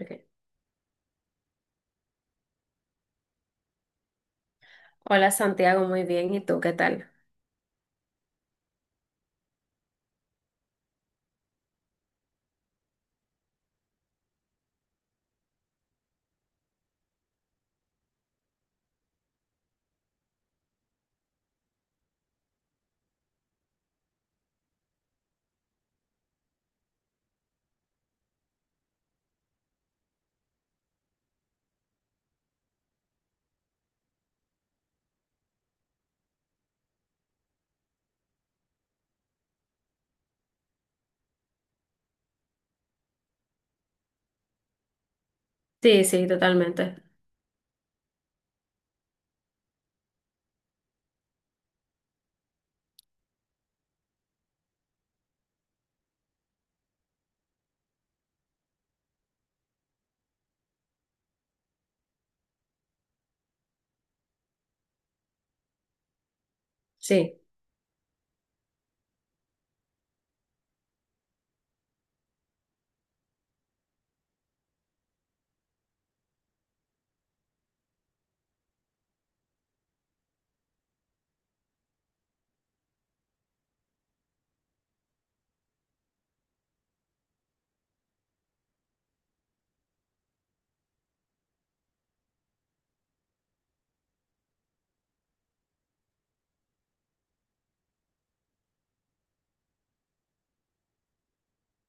Ok. Hola Santiago, muy bien. ¿Y tú qué tal? Sí, sí, totalmente. Sí.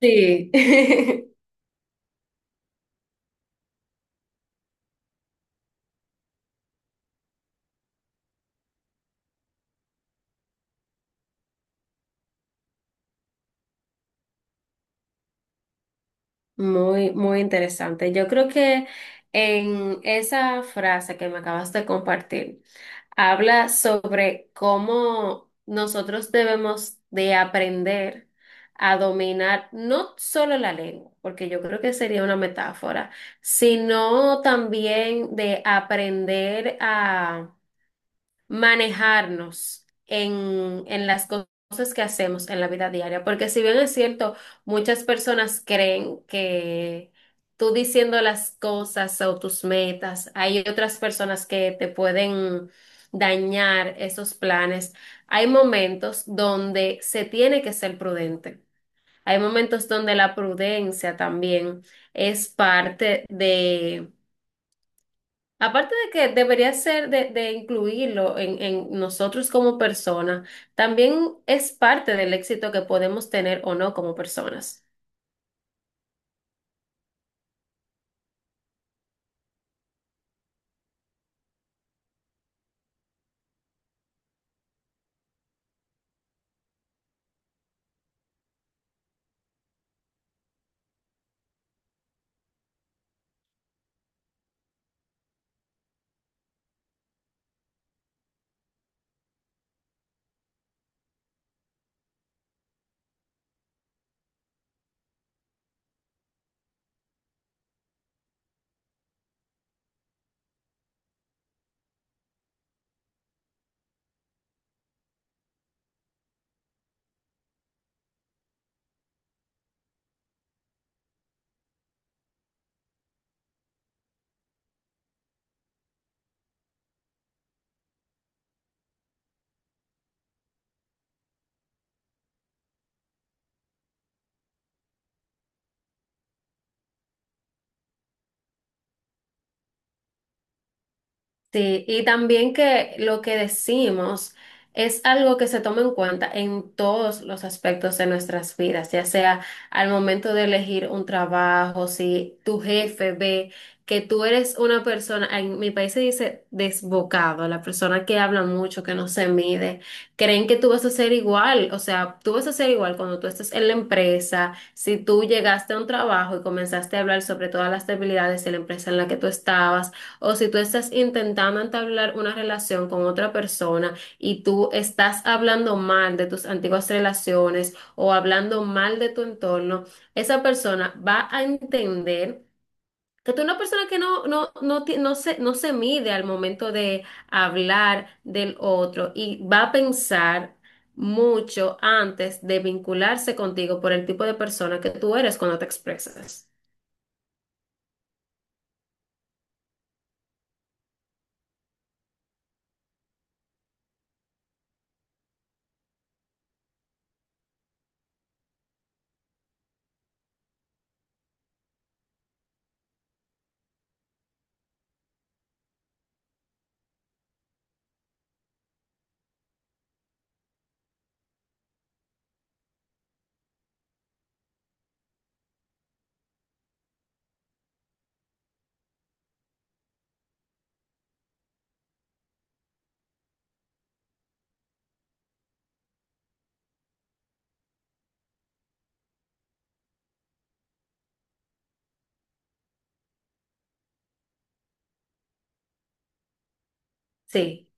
Sí. Muy, muy interesante. Yo creo que en esa frase que me acabas de compartir, habla sobre cómo nosotros debemos de aprender a dominar no solo la lengua, porque yo creo que sería una metáfora, sino también de aprender a manejarnos en las cosas que hacemos en la vida diaria. Porque si bien es cierto, muchas personas creen que tú diciendo las cosas o tus metas, hay otras personas que te pueden dañar esos planes. Hay momentos donde se tiene que ser prudente. Hay momentos donde la prudencia también es parte. Aparte de que debería ser de incluirlo en nosotros como personas, también es parte del éxito que podemos tener o no como personas. Sí, y también que lo que decimos es algo que se toma en cuenta en todos los aspectos de nuestras vidas, ya sea al momento de elegir un trabajo, si tu jefe ve que tú eres una persona, en mi país se dice desbocado, la persona que habla mucho, que no se mide, creen que tú vas a ser igual, o sea, tú vas a ser igual cuando tú estés en la empresa, si tú llegaste a un trabajo y comenzaste a hablar sobre todas las debilidades de la empresa en la que tú estabas, o si tú estás intentando entablar una relación con otra persona y tú estás hablando mal de tus antiguas relaciones o hablando mal de tu entorno, esa persona va a entender que tú eres una persona que no se mide al momento de hablar del otro y va a pensar mucho antes de vincularse contigo por el tipo de persona que tú eres cuando te expresas. Sí.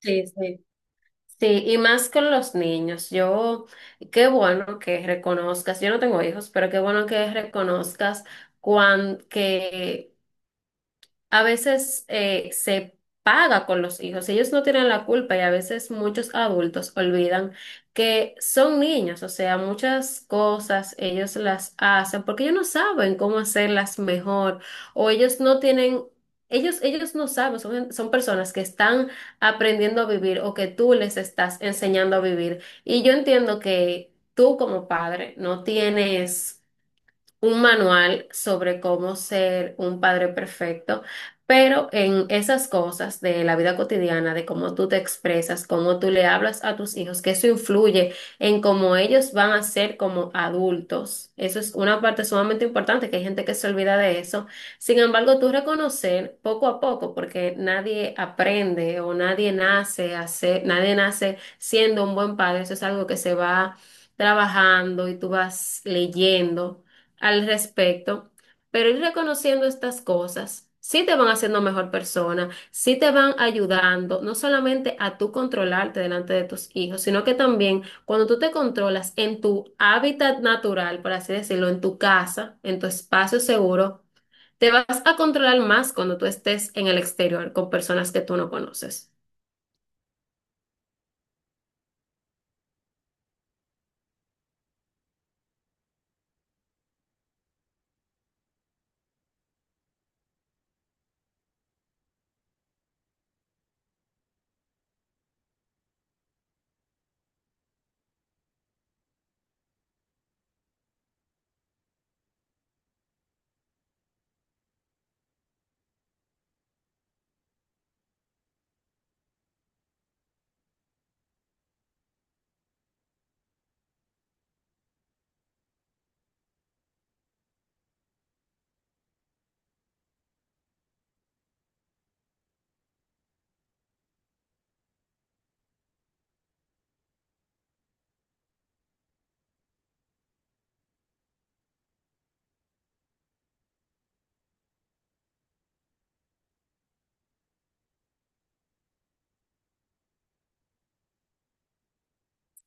Sí, sí. Sí, y más con los niños. Yo, qué bueno que reconozcas, yo no tengo hijos, pero qué bueno que reconozcas cuán, que a veces se paga con los hijos. Ellos no tienen la culpa y a veces muchos adultos olvidan que son niños, o sea, muchas cosas ellos las hacen porque ellos no saben cómo hacerlas mejor o ellos no tienen... Ellos no saben, son son personas que están aprendiendo a vivir o que tú les estás enseñando a vivir. Y yo entiendo que tú como padre no tienes un manual sobre cómo ser un padre perfecto, pero en esas cosas de la vida cotidiana, de cómo tú te expresas, cómo tú le hablas a tus hijos, que eso influye en cómo ellos van a ser como adultos. Eso es una parte sumamente importante, que hay gente que se olvida de eso. Sin embargo, tú reconocer poco a poco, porque nadie aprende o nadie nace siendo un buen padre, eso es algo que se va trabajando y tú vas leyendo al respecto, pero ir reconociendo estas cosas, sí te van haciendo mejor persona, sí te van ayudando, no solamente a tú controlarte delante de tus hijos, sino que también cuando tú te controlas en tu hábitat natural, por así decirlo, en tu casa, en tu espacio seguro, te vas a controlar más cuando tú estés en el exterior con personas que tú no conoces.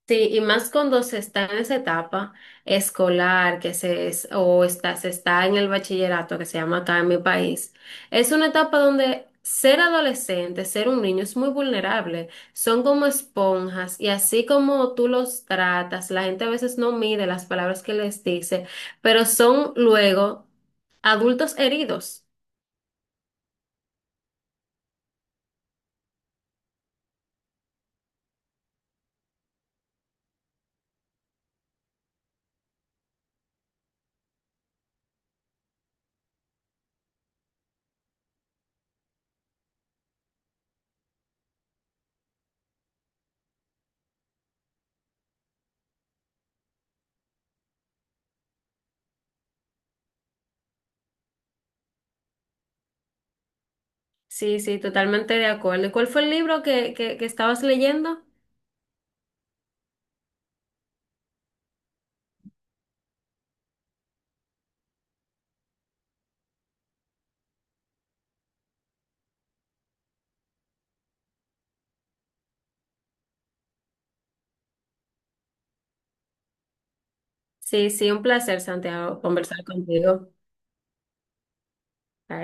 Sí, y más cuando se está en esa etapa escolar que se es, o está, se está en el bachillerato que se llama acá en mi país. Es una etapa donde ser adolescente, ser un niño es muy vulnerable. Son como esponjas y así como tú los tratas, la gente a veces no mide las palabras que les dice, pero son luego adultos heridos. Sí, sí, totalmente de acuerdo. ¿Y cuál fue el libro que estabas leyendo? Sí, sí, un placer, Santiago, conversar contigo.